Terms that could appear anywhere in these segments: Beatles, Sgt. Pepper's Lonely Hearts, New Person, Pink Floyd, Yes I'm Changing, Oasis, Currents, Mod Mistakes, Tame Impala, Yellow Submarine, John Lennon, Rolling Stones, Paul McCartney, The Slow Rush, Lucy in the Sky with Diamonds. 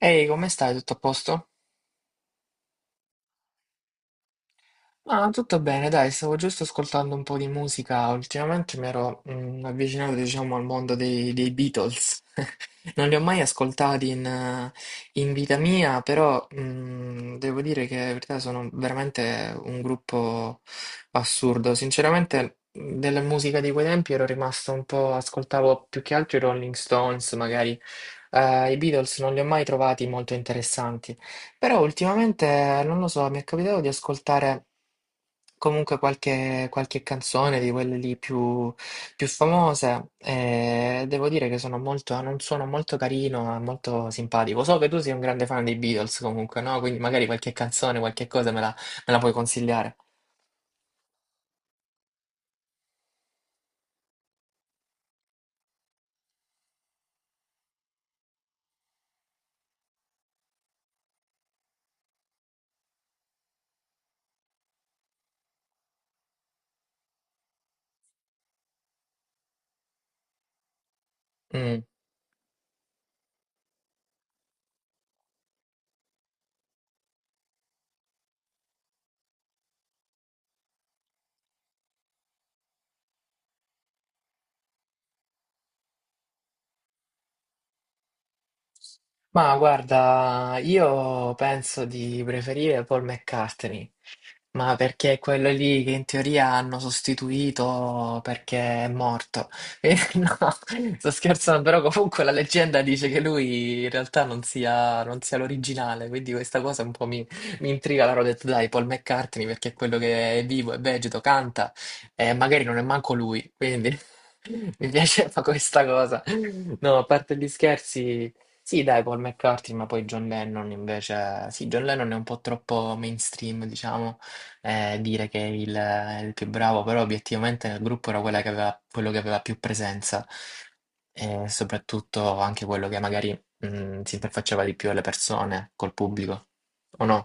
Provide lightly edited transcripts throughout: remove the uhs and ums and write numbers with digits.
Ehi, come stai? Tutto a posto? Ah, tutto bene, dai, stavo giusto ascoltando un po' di musica. Ultimamente mi ero avvicinato, diciamo, al mondo dei Beatles. Non li ho mai ascoltati in in vita mia, però devo dire che in verità sono veramente un gruppo assurdo. Sinceramente, della musica di quei tempi ero rimasto un po', ascoltavo più che altro i Rolling Stones, magari. I Beatles non li ho mai trovati molto interessanti. Però ultimamente, non lo so, mi è capitato di ascoltare comunque qualche canzone di quelle lì più famose, e devo dire che sono molto, hanno un suono molto carino e molto simpatico. So che tu sei un grande fan dei Beatles comunque, no? Quindi magari qualche canzone, qualche cosa me la puoi consigliare. Mm. Ma guarda, io penso di preferire Paul McCartney. Ma perché è quello lì che in teoria hanno sostituito perché è morto. No, sto scherzando, però comunque la leggenda dice che lui in realtà non sia l'originale, quindi questa cosa un po' mi intriga. Allora ho detto dai, Paul McCartney perché è quello che è vivo, è vegeto, canta e magari non è manco lui, quindi mi piaceva questa cosa. No, a parte gli scherzi. Sì, dai, Paul McCartney, ma poi John Lennon invece. Sì, John Lennon è un po' troppo mainstream, diciamo, dire che è il più bravo, però obiettivamente nel gruppo era quello che aveva più presenza, e soprattutto anche quello che magari si interfacciava di più alle persone, col pubblico, o no?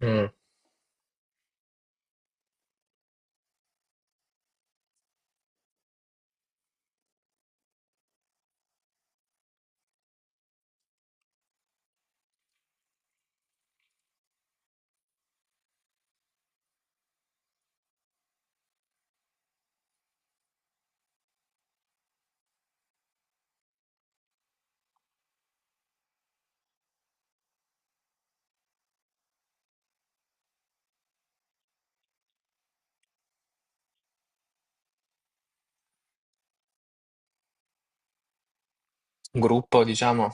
Mm. Gruppo, diciamo.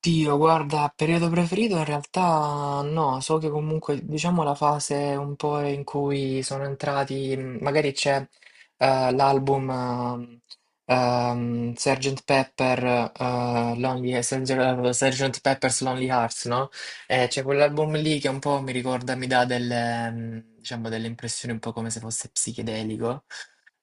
Oddio, guarda, periodo preferito in realtà no. So che comunque diciamo la fase un po' in cui sono entrati, magari c'è l'album Sgt. Sgt. Pepper's Lonely Hearts, no? C'è quell'album lì che un po' mi ricorda, mi dà delle, diciamo, delle impressioni un po' come se fosse psichedelico,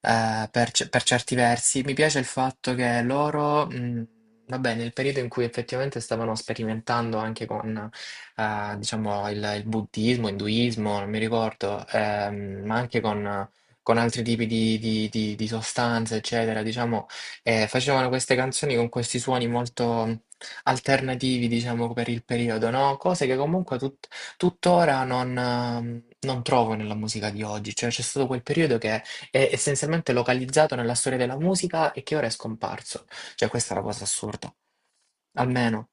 per certi versi. Mi piace il fatto che loro, vabbè, nel periodo in cui effettivamente stavano sperimentando anche con, diciamo, il buddismo, induismo, non mi ricordo, ma anche con altri tipi di sostanze, eccetera, diciamo, facevano queste canzoni con questi suoni molto alternativi, diciamo, per il periodo, no? Cose che comunque tuttora non, non trovo nella musica di oggi, cioè c'è stato quel periodo che è essenzialmente localizzato nella storia della musica e che ora è scomparso. Cioè, questa è la cosa assurda. Almeno.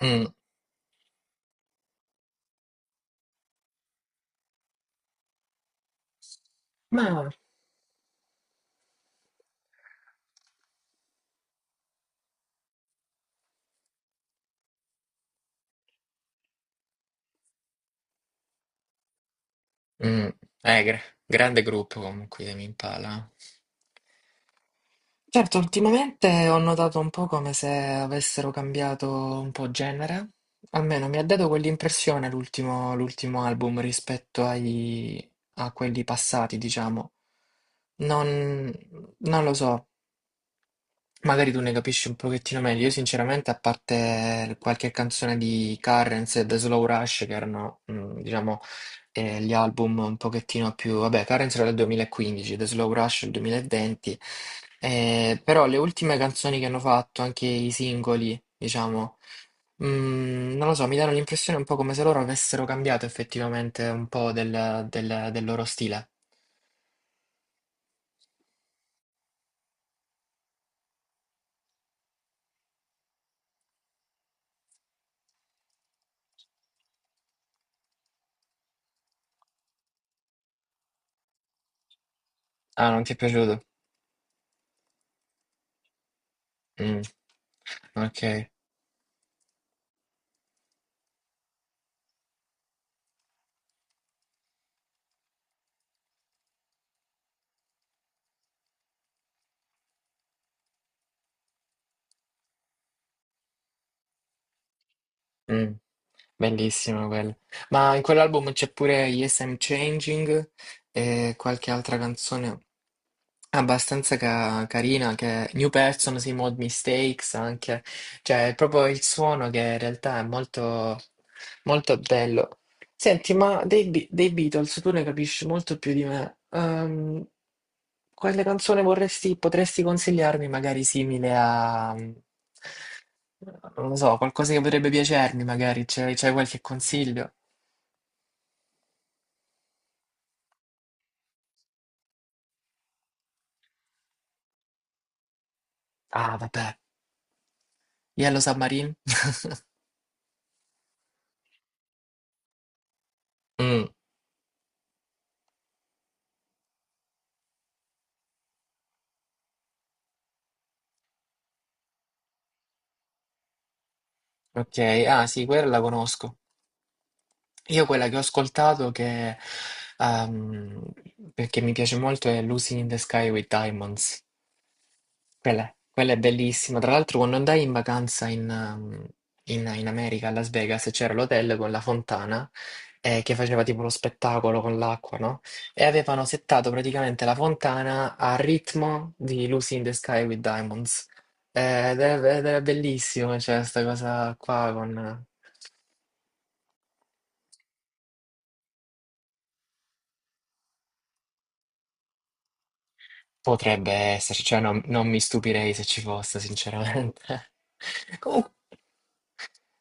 Mm. Ma mm. Eh, gra- grande gruppo comunque di Tame Impala. Eh, certo, ultimamente ho notato un po' come se avessero cambiato un po' genere. Almeno mi ha dato quell'impressione l'ultimo album rispetto a quelli passati, diciamo. Non, non lo so. Magari tu ne capisci un pochettino meglio. Io sinceramente, a parte qualche canzone di Currents e The Slow Rush, che erano, mm, diciamo, gli album un pochettino più. Vabbè, Currents era del 2015, The Slow Rush del 2020, però le ultime canzoni che hanno fatto, anche i singoli, diciamo, mm, non lo so, mi danno l'impressione un po' come se loro avessero cambiato effettivamente un po' del loro stile. Ah, non ti è piaciuto? Mm, ok. Mh, bellissimo quello. Ma in quell'album c'è pure Yes I'm Changing e qualche altra canzone abbastanza carina che è New Person, sì, Mod Mistakes anche. Cioè, è proprio il suono che in realtà è molto, molto bello. Senti, ma dei Beatles tu ne capisci molto più di me. Quale canzone vorresti, potresti consigliarmi, magari simile a, mm, non lo so, qualcosa che potrebbe piacermi, magari c'è qualche consiglio? Ah, vabbè, Yellow Submarine? Mm, ok, ah sì, quella la conosco. Io quella che ho ascoltato che, ehm, perché mi piace molto è Lucy in the Sky with Diamonds. Quella, quella è bellissima. Tra l'altro, quando andai in vacanza in, in America, a Las Vegas, c'era l'hotel con la fontana, che faceva tipo lo spettacolo con l'acqua, no? E avevano settato praticamente la fontana a ritmo di Lucy in the Sky with Diamonds. Ed era bellissimo, cioè, sta cosa qua con. Potrebbe esserci, cioè non, non mi stupirei se ci fosse, sinceramente. Comunque.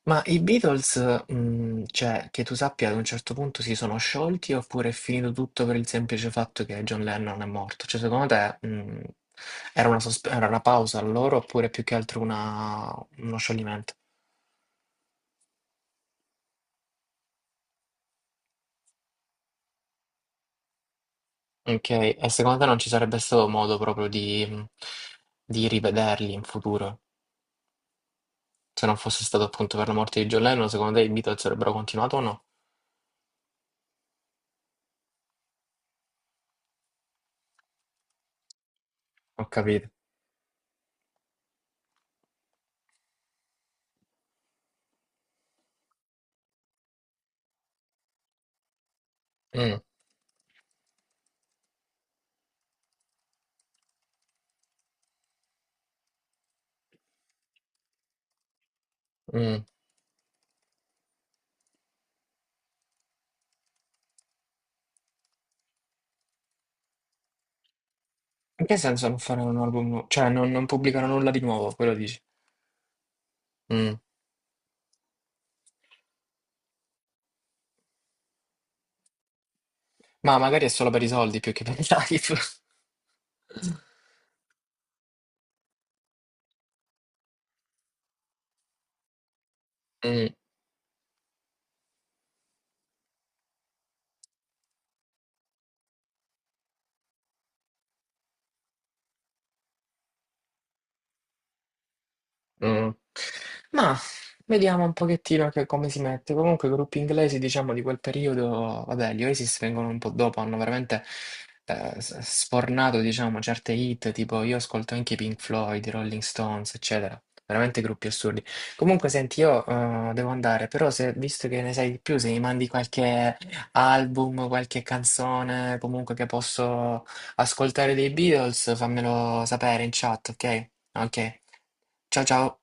Ma i Beatles, mhmm, cioè, che tu sappia, ad un certo punto si sono sciolti oppure è finito tutto per il semplice fatto che John Lennon è morto? Cioè, secondo te, mhmm, era una sosp era una pausa a loro oppure più che altro una uno scioglimento? Okay, e secondo te non ci sarebbe stato modo proprio di mhmm, di rivederli in futuro? Se non fosse stato appunto per la morte di John Lennon, secondo te i Beatles avrebbero continuato o no? Ho capito. Mh, mh. In che senso non fare un album nu cioè non pubblicare nulla di nuovo, quello dici? Mh. Ma magari è solo per i soldi più che per i live. Mm. Ma vediamo un pochettino che come si mette. Comunque i gruppi inglesi, diciamo, di quel periodo, vabbè, gli Oasis vengono un po' dopo, hanno veramente sfornato, diciamo, certe hit, tipo io ascolto anche i Pink Floyd, i Rolling Stones, eccetera. Veramente gruppi assurdi. Comunque, senti, io devo andare, però se, visto che ne sai di più, se mi mandi qualche album, qualche canzone, comunque che posso ascoltare dei Beatles, fammelo sapere in chat, ok? Okay, ciao ciao.